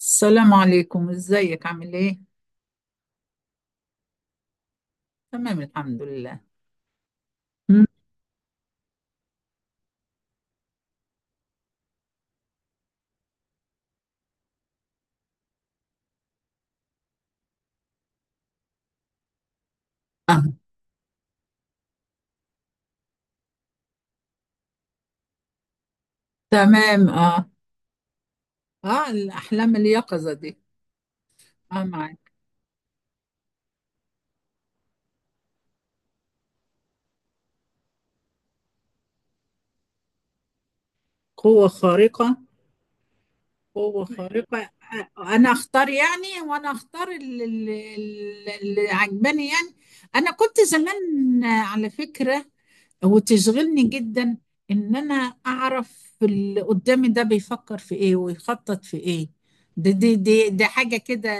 السلام عليكم، ازيك؟ عامل ايه؟ تمام، الحمد لله. مم. آه. تمام. اه. اه، الاحلام اليقظه دي. اه، معاك. قوه خارقه. قوة خارقة. أنا أختار، يعني، وأنا أختار اللي عجباني يعني. أنا كنت زمان، على فكرة، وتشغلني جدا إن أنا أعرف اللي قدامي ده بيفكر في إيه ويخطط في إيه. دي حاجة كده،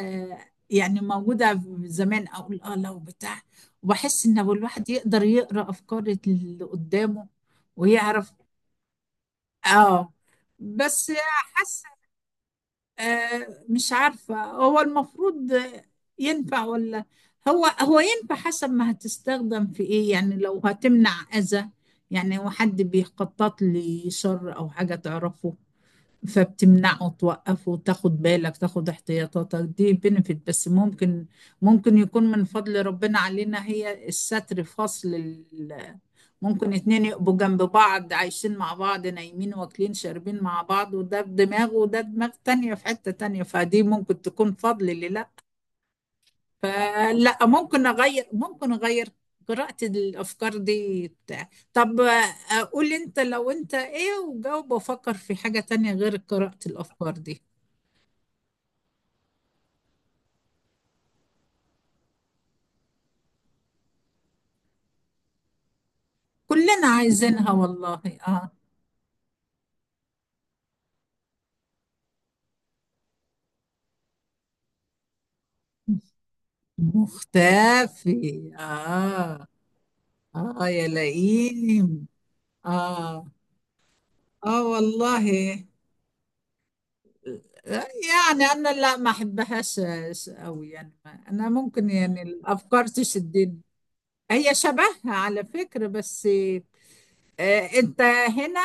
يعني موجودة زمان. أقول لو بتاع، وبحس إن هو الواحد يقدر يقرأ أفكار اللي قدامه ويعرف. آه. بس حاسة مش عارفة هو المفروض، ينفع ولا. هو ينفع حسب ما هتستخدم في ايه، يعني لو هتمنع اذى، يعني هو حد بيخطط لي شر او حاجة تعرفه، فبتمنعه توقفه تاخد بالك تاخد احتياطاتك، دي بنفيت. بس ممكن، ممكن يكون من فضل ربنا علينا هي الستر. ممكن اتنين يبقوا جنب بعض عايشين مع بعض، نايمين واكلين شاربين مع بعض، وده بدماغه وده دماغ تانية في حتة تانية، فدي ممكن تكون فضل لله. فلا، ممكن اغير، ممكن اغير قراءة الافكار دي بتاع. طب قول لي انت لو انت ايه وجاوب وافكر في حاجة تانية غير قراءة الافكار دي. كلنا عايزينها والله. اه، مختفي. اه. اه يا لئيم. اه. اه والله، يعني انا لا، ما احبهاش قوي، يعني انا ممكن يعني الافكار تشدني. هي شبهها على فكرة، بس انت هنا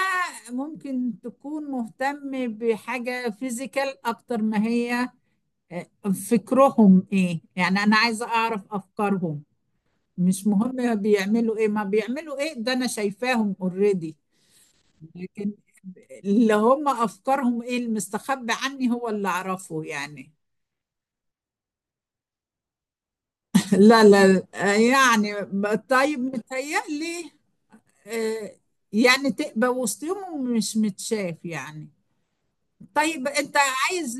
ممكن تكون مهتم بحاجة فيزيكال اكتر ما هي آه، فكرهم ايه. يعني انا عايزة اعرف افكارهم. مش مهم بيعملوا ايه ما بيعملوا ايه، ده انا شايفاهم اوريدي. لكن اللي هم افكارهم ايه المستخبي عني هو اللي اعرفه يعني. لا لا لا، يعني طيب، متهيألي آه، يعني تبقى وسطهم ومش متشاف يعني. طيب انت عايز،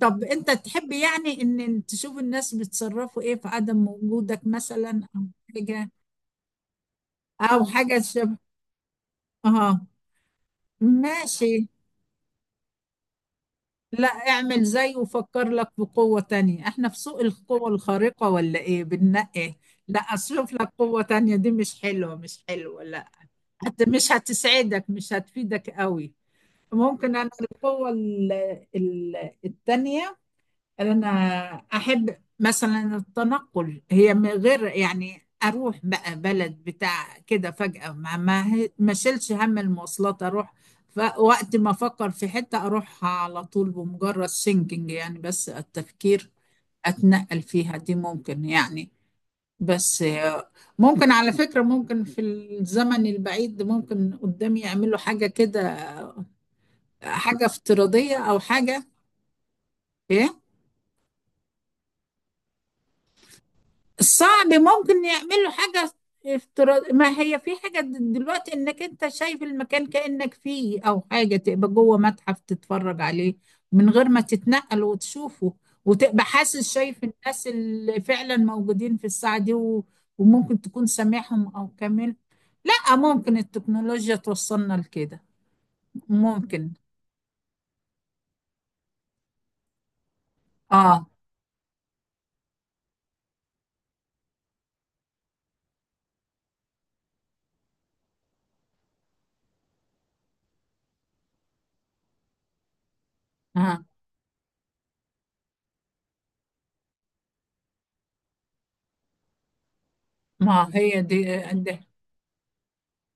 طب انت تحب يعني ان تشوف الناس بيتصرفوا ايه في عدم وجودك مثلا او حاجة، او حاجة شبه. اه، ماشي. لا، اعمل زي وفكر لك بقوة تانية، احنا في سوق القوة الخارقة ولا ايه بننقي؟ لا، اشوف لك قوة تانية، دي مش حلوة مش حلوة لا، حتى مش هتسعدك مش هتفيدك قوي. ممكن انا القوة ال- التانية، انا احب مثلا التنقل، هي من غير يعني اروح بقى بلد بتاع كده فجأة، ما شيلش هم المواصلات، اروح، فوقت ما افكر في حتة اروحها على طول بمجرد سينكينج، يعني بس التفكير اتنقل فيها دي ممكن، يعني بس ممكن على فكرة، ممكن في الزمن البعيد ممكن قدامي يعملوا حاجة كده، حاجة افتراضية او حاجة. إيه؟ صعب؟ ممكن يعملوا حاجة افتراض. ما هي في حاجة دلوقتي، انك انت شايف المكان كأنك فيه، او حاجة تبقى جوه متحف تتفرج عليه من غير ما تتنقل وتشوفه، وتبقى حاسس شايف الناس اللي فعلا موجودين في الساعة دي وممكن تكون سامعهم او كامل. لا، ممكن التكنولوجيا توصلنا لكده. ممكن. اه، اه. ما هي دي،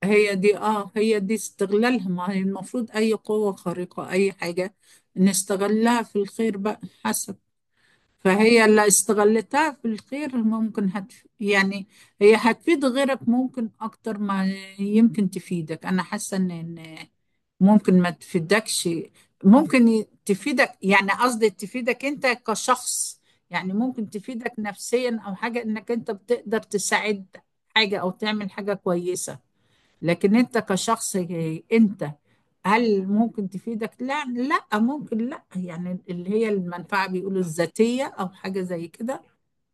هي دي استغلالها. ما هي المفروض اي قوة خارقة اي حاجة نستغلها في الخير بقى، حسب. فهي اللي استغلتها في الخير، ممكن يعني هي هتفيد غيرك ممكن اكتر ما يمكن تفيدك. انا حاسة ان ممكن ما تفيدكش، ممكن تفيدك، يعني قصدي تفيدك انت كشخص، يعني ممكن تفيدك نفسيا او حاجة انك انت بتقدر تساعد حاجة او تعمل حاجة كويسة. لكن انت كشخص انت، هل ممكن تفيدك؟ لا، لا ممكن، لا يعني اللي هي المنفعة بيقولوا الذاتية او حاجة زي كده،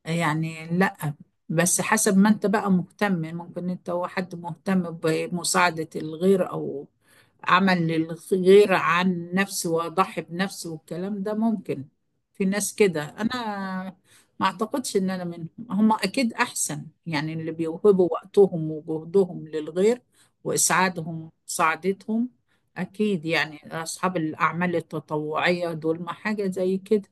يعني لا. بس حسب ما انت بقى مهتم، ممكن انت هو حد مهتم بمساعدة الغير او عمل للغير عن نفسه، واضحي بنفسه والكلام ده ممكن. في ناس كده، انا ما اعتقدش ان انا منهم. هم اكيد احسن، يعني اللي بيوهبوا وقتهم وجهدهم للغير واسعادهم سعادتهم اكيد. يعني اصحاب الاعمال التطوعية دول، ما حاجة زي كده،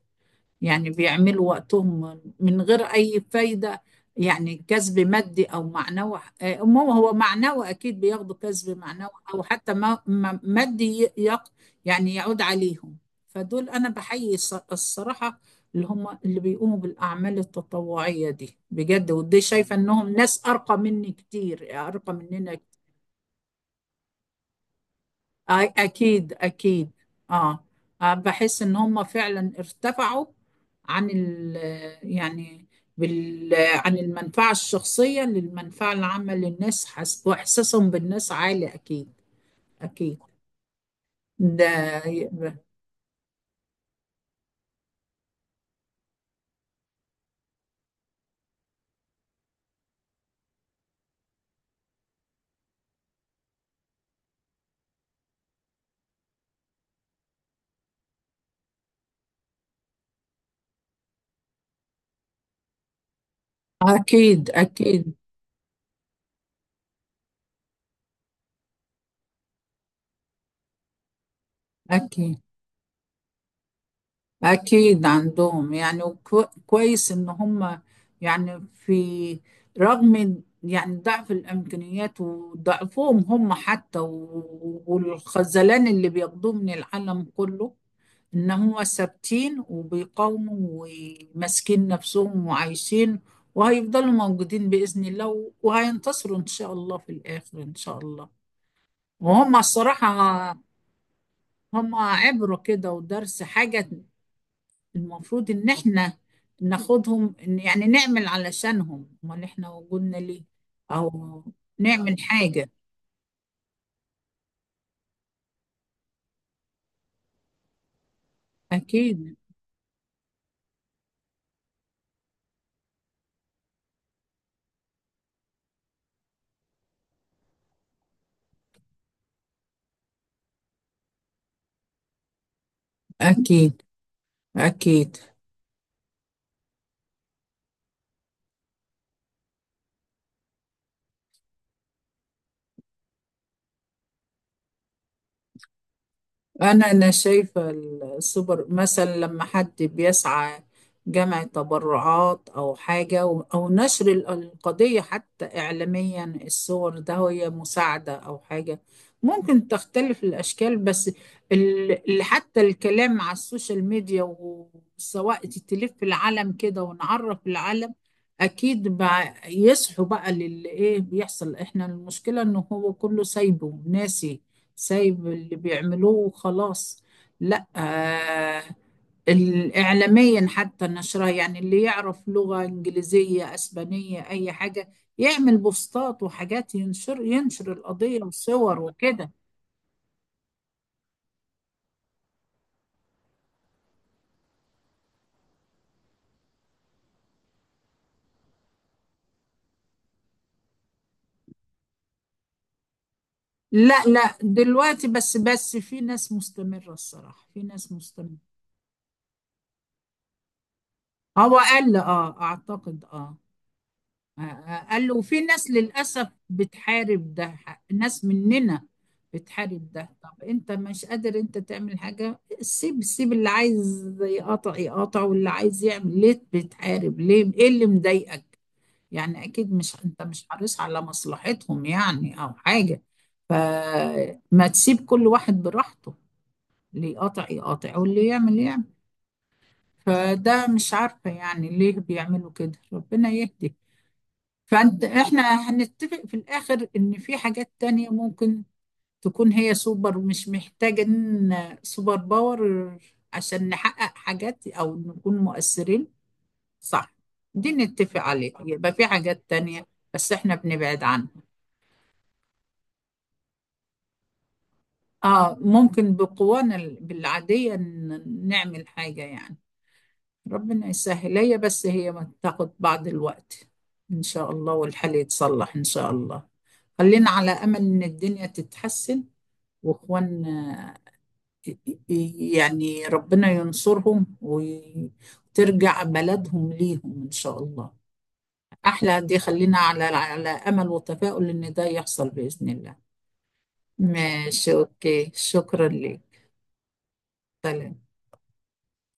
يعني بيعملوا وقتهم من غير أي فايدة، يعني كسب مادي أو معنوي. ما هو معنوي أكيد بياخدوا كسب معنوي، أو حتى مادي ي- يق يعني يعود عليهم. فدول أنا بحيي، الصراحة، اللي هم اللي بيقوموا بالأعمال التطوعية دي بجد، ودي شايفة إنهم ناس أرقى مني كتير، أرقى مننا. أكيد أكيد. آه. بحس إن هم فعلا ارتفعوا عن ال، يعني بال، عن المنفعة الشخصية للمنفعة العامة للناس. حس وإحساسهم بالناس عالي أكيد، أكيد. ده ي- أكيد أكيد. أكيد أكيد عندهم، يعني كويس إن هم، يعني في، رغم يعني ضعف الإمكانيات وضعفهم هم حتى والخذلان اللي بياخدوه من العالم كله، ان هم ثابتين وبيقاوموا وماسكين نفسهم وعايشين، وهيفضلوا موجودين بإذن الله، وهينتصروا ان شاء الله في الآخر ان شاء الله. وهم الصراحة هم عبرة كده ودرس. حاجة المفروض ان احنا ناخدهم، يعني نعمل علشانهم، امال احنا وجودنا ليه، او نعمل حاجة. اكيد اكيد اكيد. أنا شايفة السوبر مثلا لما حد بيسعى جمع تبرعات أو حاجة أو نشر القضية حتى إعلاميا، الصور ده هي مساعدة أو حاجة، ممكن تختلف الأشكال بس حتى الكلام على السوشيال ميديا وسواء تلف العالم كده ونعرف العالم، أكيد بقى يصحوا بقى للي إيه بيحصل. إحنا المشكلة إنه هو كله سايبه ناسي، سايب اللي بيعملوه وخلاص. لا آه، الإعلاميا حتى نشرها، يعني اللي يعرف لغة إنجليزية أسبانية أي حاجة يعمل بوستات وحاجات، ينشر القضية وصور وكده. لا لا، دلوقتي بس في ناس مستمرة الصراحة، في ناس مستمرة. هو قل اه، اعتقد اه، قال له في ناس للأسف بتحارب ده، ناس مننا بتحارب ده. طب انت مش قادر انت تعمل حاجة، سيب، سيب اللي عايز يقاطع يقاطع، واللي عايز يعمل، ليه بتحارب؟ ليه؟ ايه اللي مضايقك؟ يعني اكيد مش انت مش حريص على مصلحتهم يعني او حاجة. فما تسيب كل واحد براحته، اللي يقاطع يقاطع واللي يعمل يعمل. فده مش عارفة يعني ليه بيعملوا كده، ربنا يهدي. فاحنا هنتفق في الاخر ان في حاجات تانية ممكن تكون هي سوبر، مش محتاجين سوبر باور عشان نحقق حاجات او نكون مؤثرين. صح، دي نتفق عليها، يبقى في حاجات تانية بس احنا بنبعد عنها. اه، ممكن بقوانا العادية نعمل حاجة، يعني ربنا يسهل. هي بس هي ما تاخد بعض الوقت. ان شاء الله والحال يتصلح ان شاء الله، خلينا على امل ان الدنيا تتحسن واخواننا، ي- يعني ربنا ينصرهم وترجع بلدهم ليهم إن شاء الله. أحلى دي، خلينا على على أمل وتفاؤل إن ده يحصل بإذن الله. ماشي، أوكي، شكرا لك. سلام.